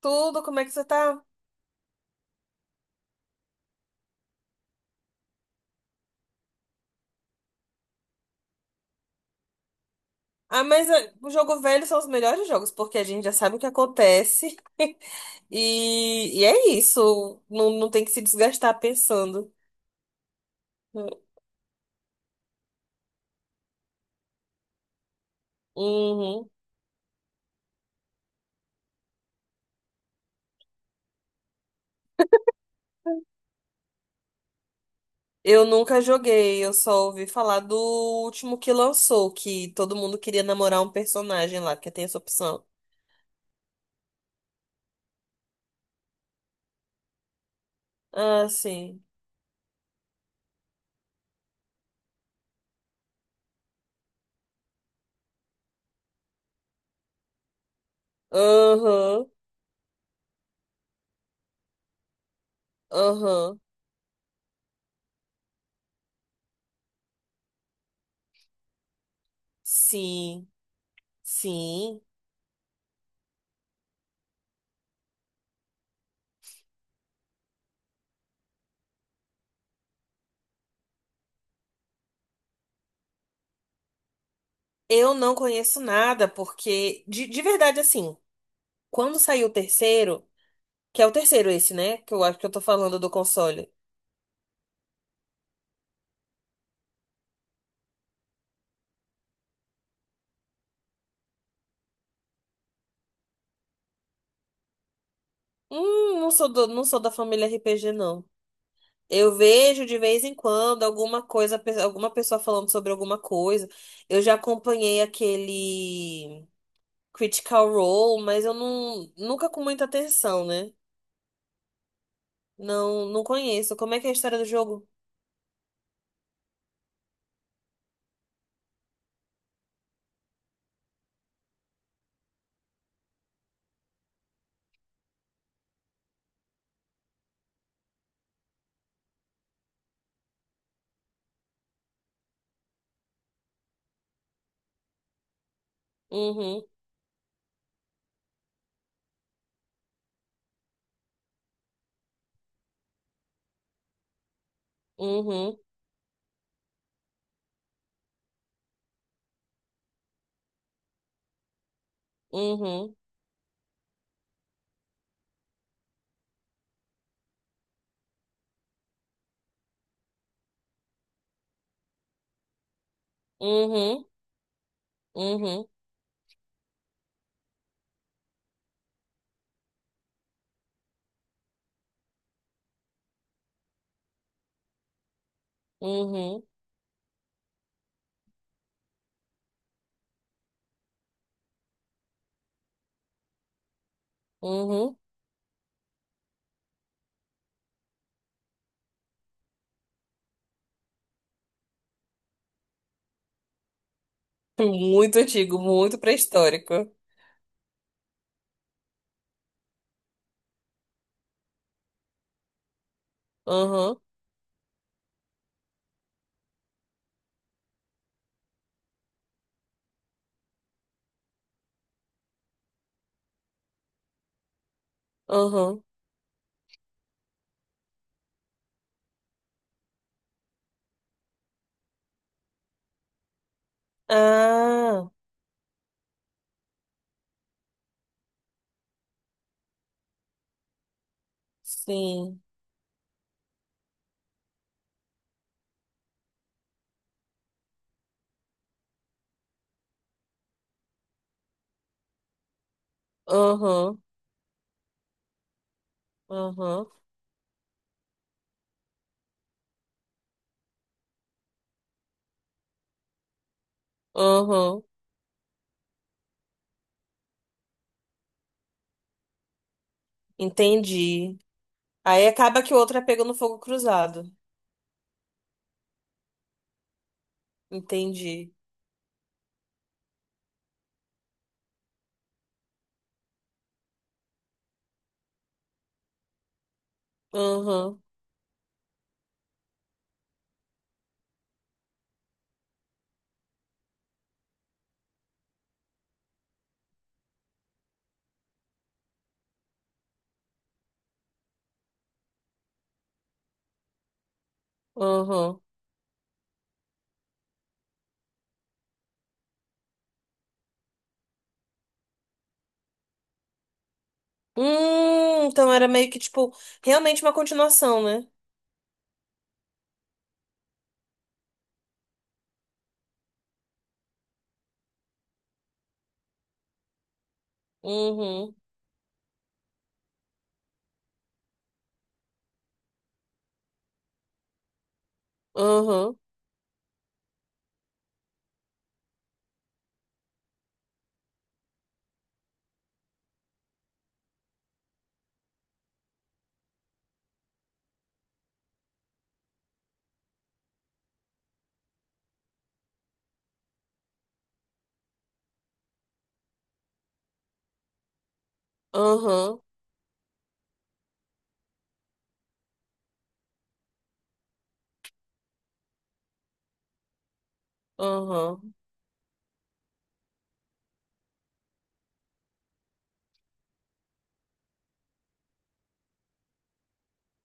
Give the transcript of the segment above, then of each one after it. Tudo, como é que você tá? Ah, mas o jogo velho são os melhores jogos, porque a gente já sabe o que acontece. E é isso. Não, não tem que se desgastar pensando. Uhum. Eu nunca joguei, eu só ouvi falar do último que lançou, que todo mundo queria namorar um personagem lá, que tem essa opção. Ah, sim. Aham, aham. Sim, sim. Eu não conheço nada, porque, de verdade, assim, quando saiu o terceiro. Que é o terceiro esse, né? Que eu acho que eu tô falando do console. Não sou da família RPG, não. Eu vejo de vez em quando alguma coisa, alguma pessoa falando sobre alguma coisa. Eu já acompanhei aquele Critical Role, mas eu não, nunca com muita atenção, né? Não, não conheço. Como é que é a história do jogo? Uhum, uhum, uhum, uhum, uhum, uhum, uhum. Muito antigo, muito pré-histórico. Aham, aham. Ah, sim. Uhum, uhum, uhum. Entendi. Aí acaba que o outro é pego no fogo cruzado. Entendi. Uhum, uhum. Então era meio que, tipo, realmente uma continuação, né? Uhum, uhum, uhum, uhum,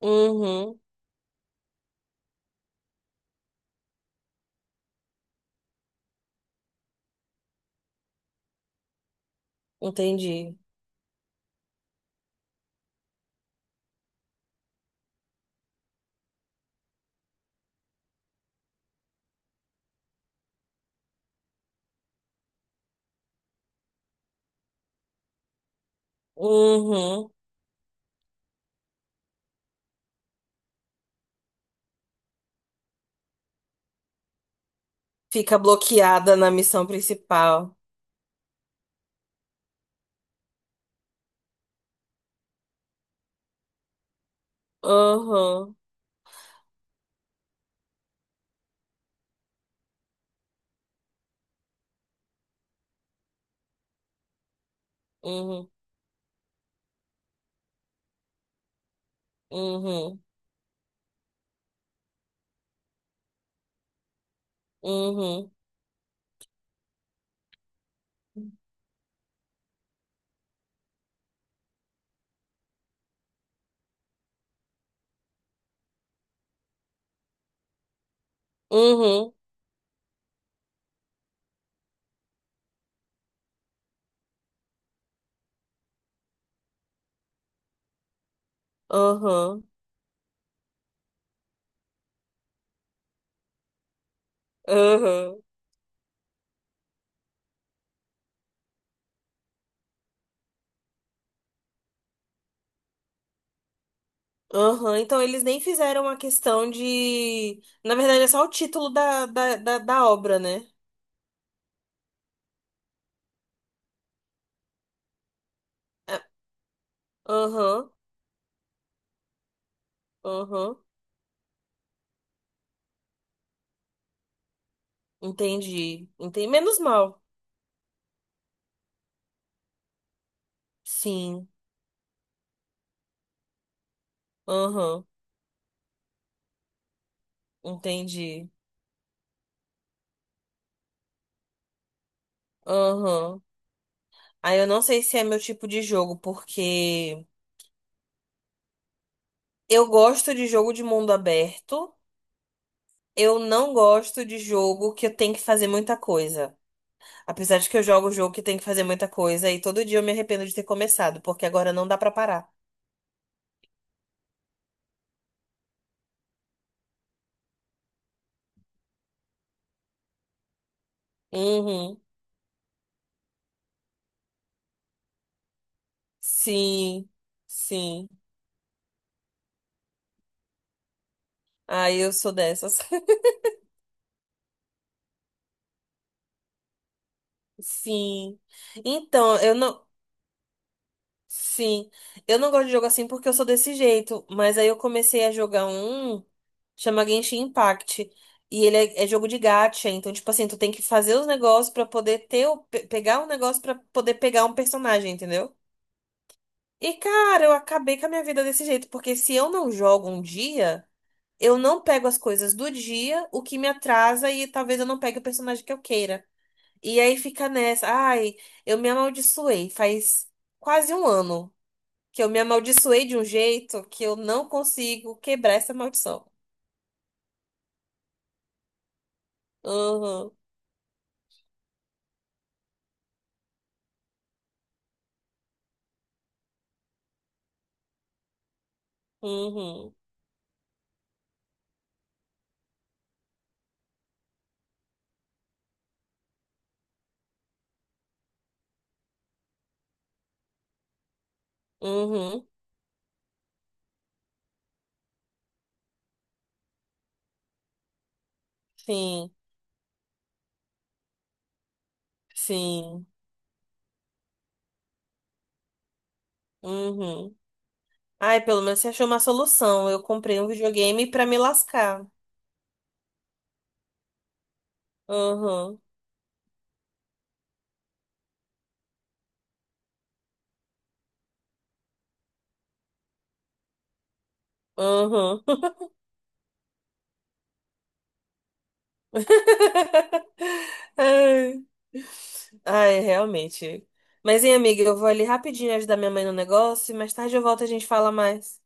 uhum. Entendi. Uhum. Fica bloqueada na missão principal. Uhum, uhum, uhum, uhum, uhum, uhum. Aham. Aham. Então eles nem fizeram a questão de. Na verdade, é só o título da obra, né? É. Aham. Aham. Entendi. Entendi. Menos mal. Sim. Aham. Entendi. Aham. Aí eu não sei se é meu tipo de jogo, porque eu gosto de jogo de mundo aberto. Eu não gosto de jogo que eu tenho que fazer muita coisa. Apesar de que eu jogo jogo que tem que fazer muita coisa e todo dia eu me arrependo de ter começado, porque agora não dá pra parar. Uhum. Sim, sim. Ah, eu sou dessas. Sim. Então, eu não. Sim. Eu não gosto de jogo assim porque eu sou desse jeito. Mas aí eu comecei a jogar um, chama Genshin Impact. E ele é jogo de gacha. Então, tipo assim, tu tem que fazer os negócios pra poder Pegar um negócio pra poder pegar um personagem, entendeu? E, cara, eu acabei com a minha vida desse jeito. Porque se eu não jogo um dia. Eu não pego as coisas do dia, o que me atrasa e talvez eu não pegue o personagem que eu queira. E aí fica nessa, ai, eu me amaldiçoei. Faz quase um ano que eu me amaldiçoei de um jeito que eu não consigo quebrar essa maldição. Uhum, uhum, uhum, sim, sim, uhum. Ai, pelo menos você achou uma solução. Eu comprei um videogame pra me lascar. Uhum, uhum. Ai, ai, realmente. Mas, hein, amiga, eu vou ali rapidinho ajudar minha mãe no negócio e mais tarde eu volto e a gente fala mais.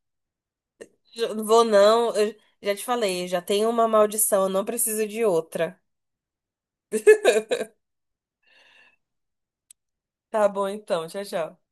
Não vou não, eu já te falei, já tenho uma maldição, eu não preciso de outra. Tá bom então, tchau, tchau.